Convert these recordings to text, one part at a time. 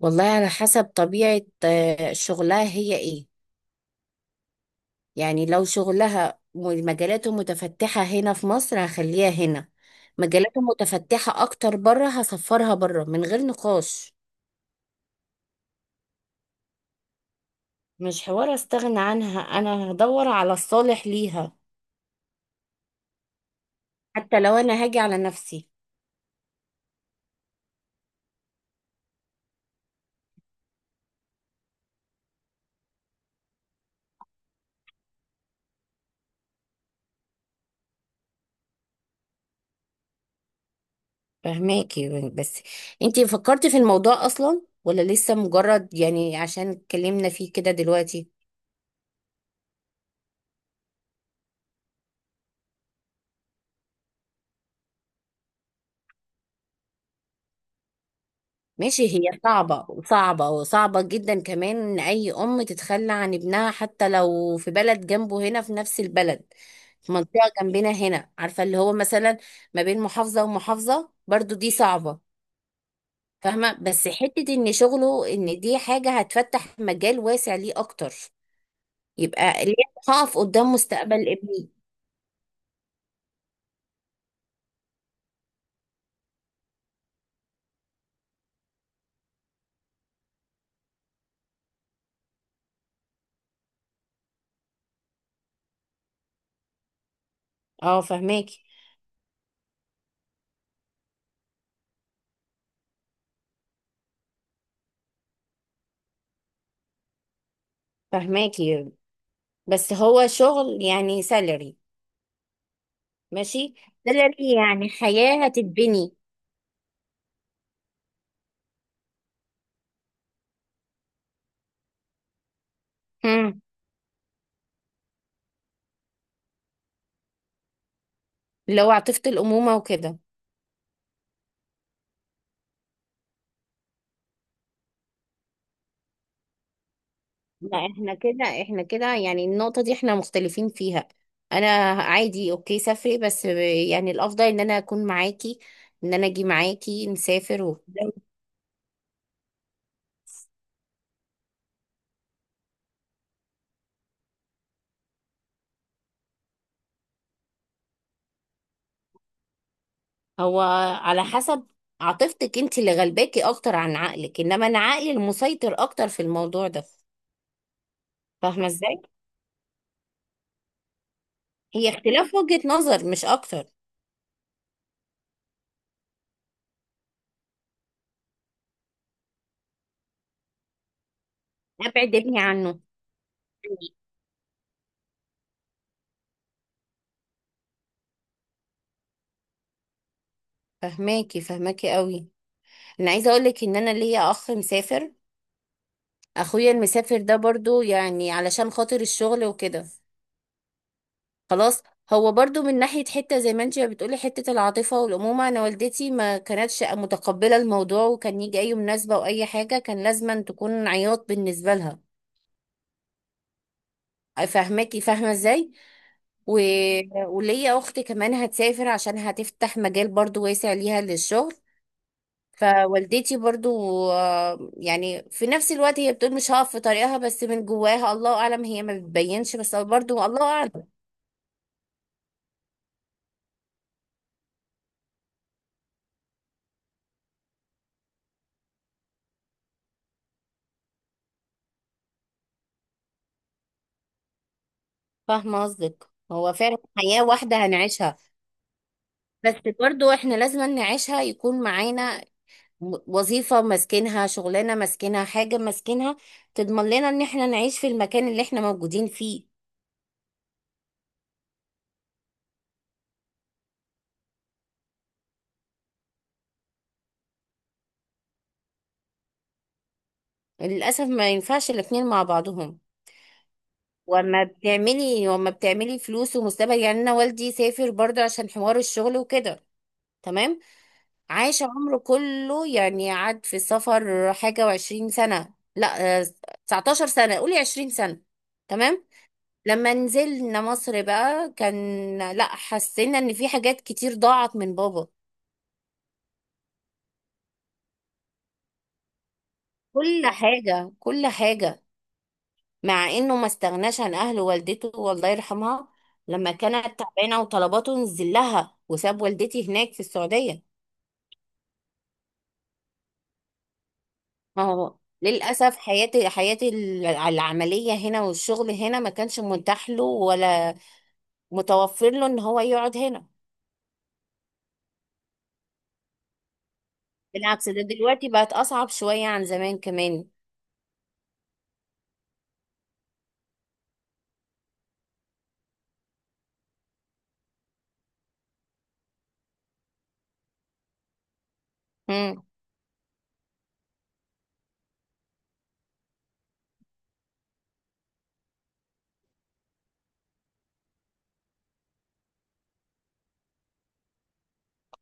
والله على حسب طبيعة شغلها هي ايه. يعني لو شغلها مجالاته متفتحة هنا في مصر، هخليها هنا. مجالاته متفتحة اكتر بره، هسفرها بره من غير نقاش. مش حوار استغنى عنها، انا هدور على الصالح ليها. حتى لو انا هاجي على نفسي. فهماكي بس. انتي فكرتي في الموضوع اصلا ولا لسه مجرد، يعني عشان اتكلمنا فيه كده دلوقتي؟ ماشي، هي صعبة وصعبة وصعبة جدا كمان، إن أي أم تتخلى عن ابنها حتى لو في بلد جنبه هنا في نفس البلد. في منطقة جنبنا هنا، عارفة، اللي هو مثلا ما بين محافظة ومحافظة، برضو دي صعبة. فاهمة، بس حتة إن شغله، إن دي حاجة هتفتح مجال واسع ليه أكتر. يبقى ليه؟ هقف قدام مستقبل ابني؟ اه، فهماكي فهماكي، بس هو شغل يعني سالري. ماشي. سالري يعني حياة هتتبني. مم. اللي هو عاطفة الأمومة وكده. لا، احنا كده احنا كده، يعني النقطة دي احنا مختلفين فيها. انا عادي، اوكي، سافري بس. يعني الافضل ان انا اكون معاكي، ان انا اجي معاكي نسافر هو على حسب عاطفتك انت اللي غلباكي اكتر عن عقلك، انما انا عقلي المسيطر اكتر في الموضوع ده. فاهمة ازاي؟ هي اختلاف وجهة نظر مش اكتر. ابعد ابني عنه. فهماكي فهماكي قوي. انا عايزة اقولك ان انا ليا اخ مسافر. اخويا المسافر ده برضو، يعني علشان خاطر الشغل وكده. خلاص. هو برضو من ناحية حتة، زي ما انت بتقولي، حتة العاطفة والأمومة. أنا والدتي ما كانتش متقبلة الموضوع، وكان يجي أي مناسبة أو أي حاجة كان لازما تكون عياط بالنسبة لها. فاهماكي، فاهمة ازاي؟ و... وليا أخت كمان هتسافر عشان هتفتح مجال برضو واسع ليها للشغل. فوالدتي برضو، يعني في نفس الوقت هي بتقول مش هقف في طريقها، بس من جواها الله اعلم، هي ما بتبينش، بس برضو الله اعلم. فاهمه قصدك، هو فعلا حياه واحده هنعيشها. بس برضو احنا لازم نعيشها يكون معانا وظيفه ماسكينها، شغلانه ماسكينها، حاجه ماسكينها، تضمن لنا ان احنا نعيش في المكان اللي احنا موجودين فيه. للاسف ما ينفعش الاتنين مع بعضهم. وما بتعملي فلوس ومستقبل. يعني انا والدي سافر برضو عشان حوار الشغل وكده. تمام. عاش عمره كله، يعني قعد في السفر حاجة وعشرين سنة. لا، 19 سنة، قولي 20 سنة. تمام. لما نزلنا مصر بقى كان، لا، حسينا ان في حاجات كتير ضاعت من بابا. كل حاجة، كل حاجة. مع انه ما استغناش عن اهله، والدته والله يرحمها لما كانت تعبانة وطلباته نزل لها، وساب والدتي هناك في السعودية. ما هو للأسف حياتي العملية هنا، والشغل هنا ما كانش متاح له ولا متوفر له إن هو يقعد هنا. بالعكس، ده دلوقتي بقت أصعب شوية عن زمان كمان. امم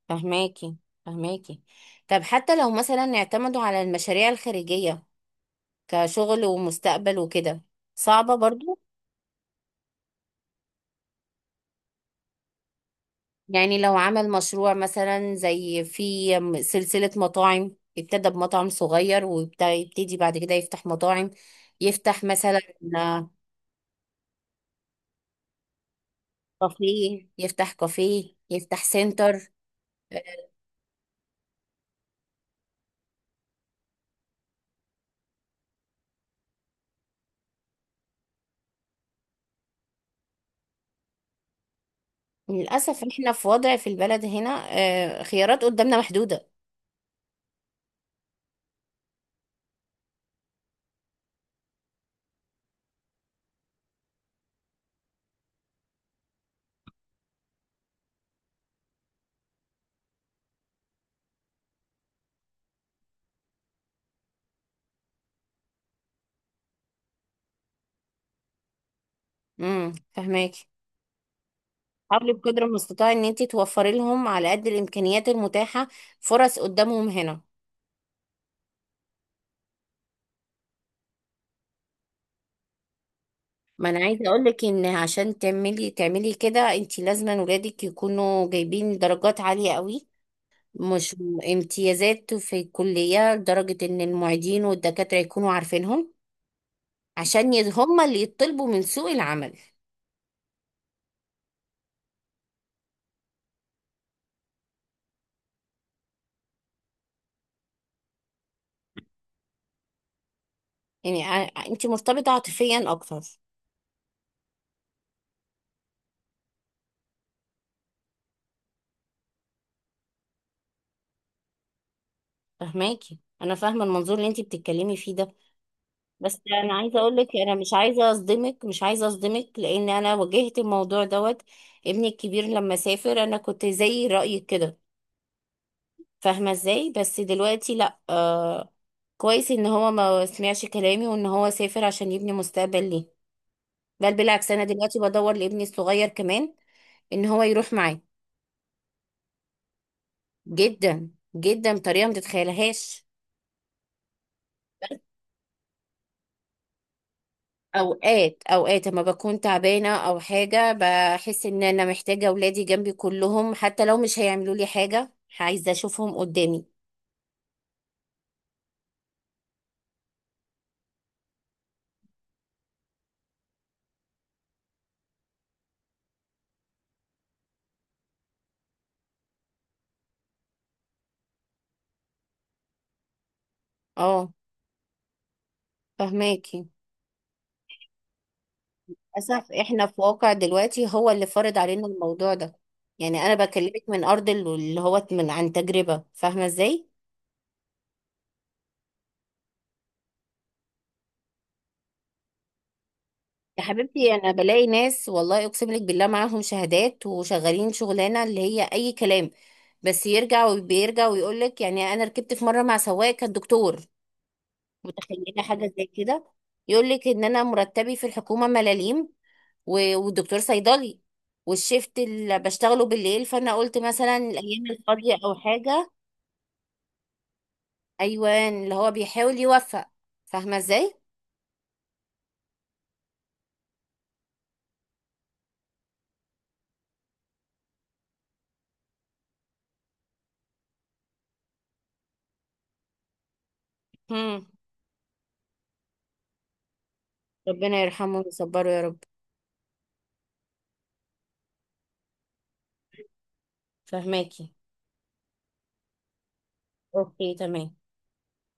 فهماكي فهماكي. طب، حتى لو مثلا اعتمدوا على المشاريع الخارجية كشغل ومستقبل وكده. صعبة برضو. يعني لو عمل مشروع مثلا، زي في سلسلة مطاعم، ابتدى بمطعم صغير ويبتدي بعد كده يفتح مطاعم، يفتح مثلا كافيه، يفتح كافيه، يفتح سنتر. للأسف احنا في وضع في البلد هنا، خيارات قدامنا محدودة. فهماكي. حاولي بقدر المستطاع ان انت توفري لهم على قد الامكانيات المتاحة فرص قدامهم هنا. ما انا عايزه اقول لك ان عشان تعملي كده، انت لازم ولادك يكونوا جايبين درجات عاليه قوي، مش امتيازات في الكليه، لدرجه ان المعيدين والدكاتره يكونوا عارفينهم، عشان هم اللي يطلبوا من سوق العمل. يعني انت مرتبطه عاطفيا اكتر. فهماكي، انا فاهمه المنظور اللي انت بتتكلمي فيه ده. بس انا عايزه اقول لك، انا مش عايزه اصدمك، مش عايزه اصدمك، لان انا واجهت الموضوع دوت. ابني الكبير لما سافر، انا كنت زي رايك كده. فاهمة ازاي؟ بس دلوقتي لا، كويس ان هو ما سمعش كلامي وان هو سافر عشان يبني مستقبل ليه. بل بالعكس، انا دلوقتي بدور لابني الصغير كمان ان هو يروح معاه. جدا، جدا بطريقة ما تتخيلهاش. اوقات اوقات، اما بكون تعبانة او حاجة، بحس ان انا محتاجة اولادي جنبي كلهم حتى لو مش هيعملوا لي حاجة. عايزة اشوفهم قدامي. اه، فهماكي. للأسف إحنا في واقع دلوقتي هو اللي فرض علينا الموضوع ده. يعني أنا بكلمك من أرض اللي هو من عن تجربة، فاهمة إزاي؟ يا حبيبتي، أنا بلاقي ناس، والله أقسم لك بالله، معاهم شهادات وشغالين شغلانة اللي هي أي كلام. بس يرجع وبيرجع ويقول لك. يعني أنا ركبت في مرة مع سواق كان دكتور. متخيلة حاجة زي كده؟ يقول لك إن أنا مرتبي في الحكومة ملاليم، والدكتور صيدلي، والشيفت اللي بشتغله بالليل، فانا قلت مثلا الايام الفاضيه او حاجه. ايوان، اللي هو بيحاول يوفق. فاهمه ازاي؟ هم. ربنا يرحمه ويصبره يا رب. فاهماكي. اوكي تمام.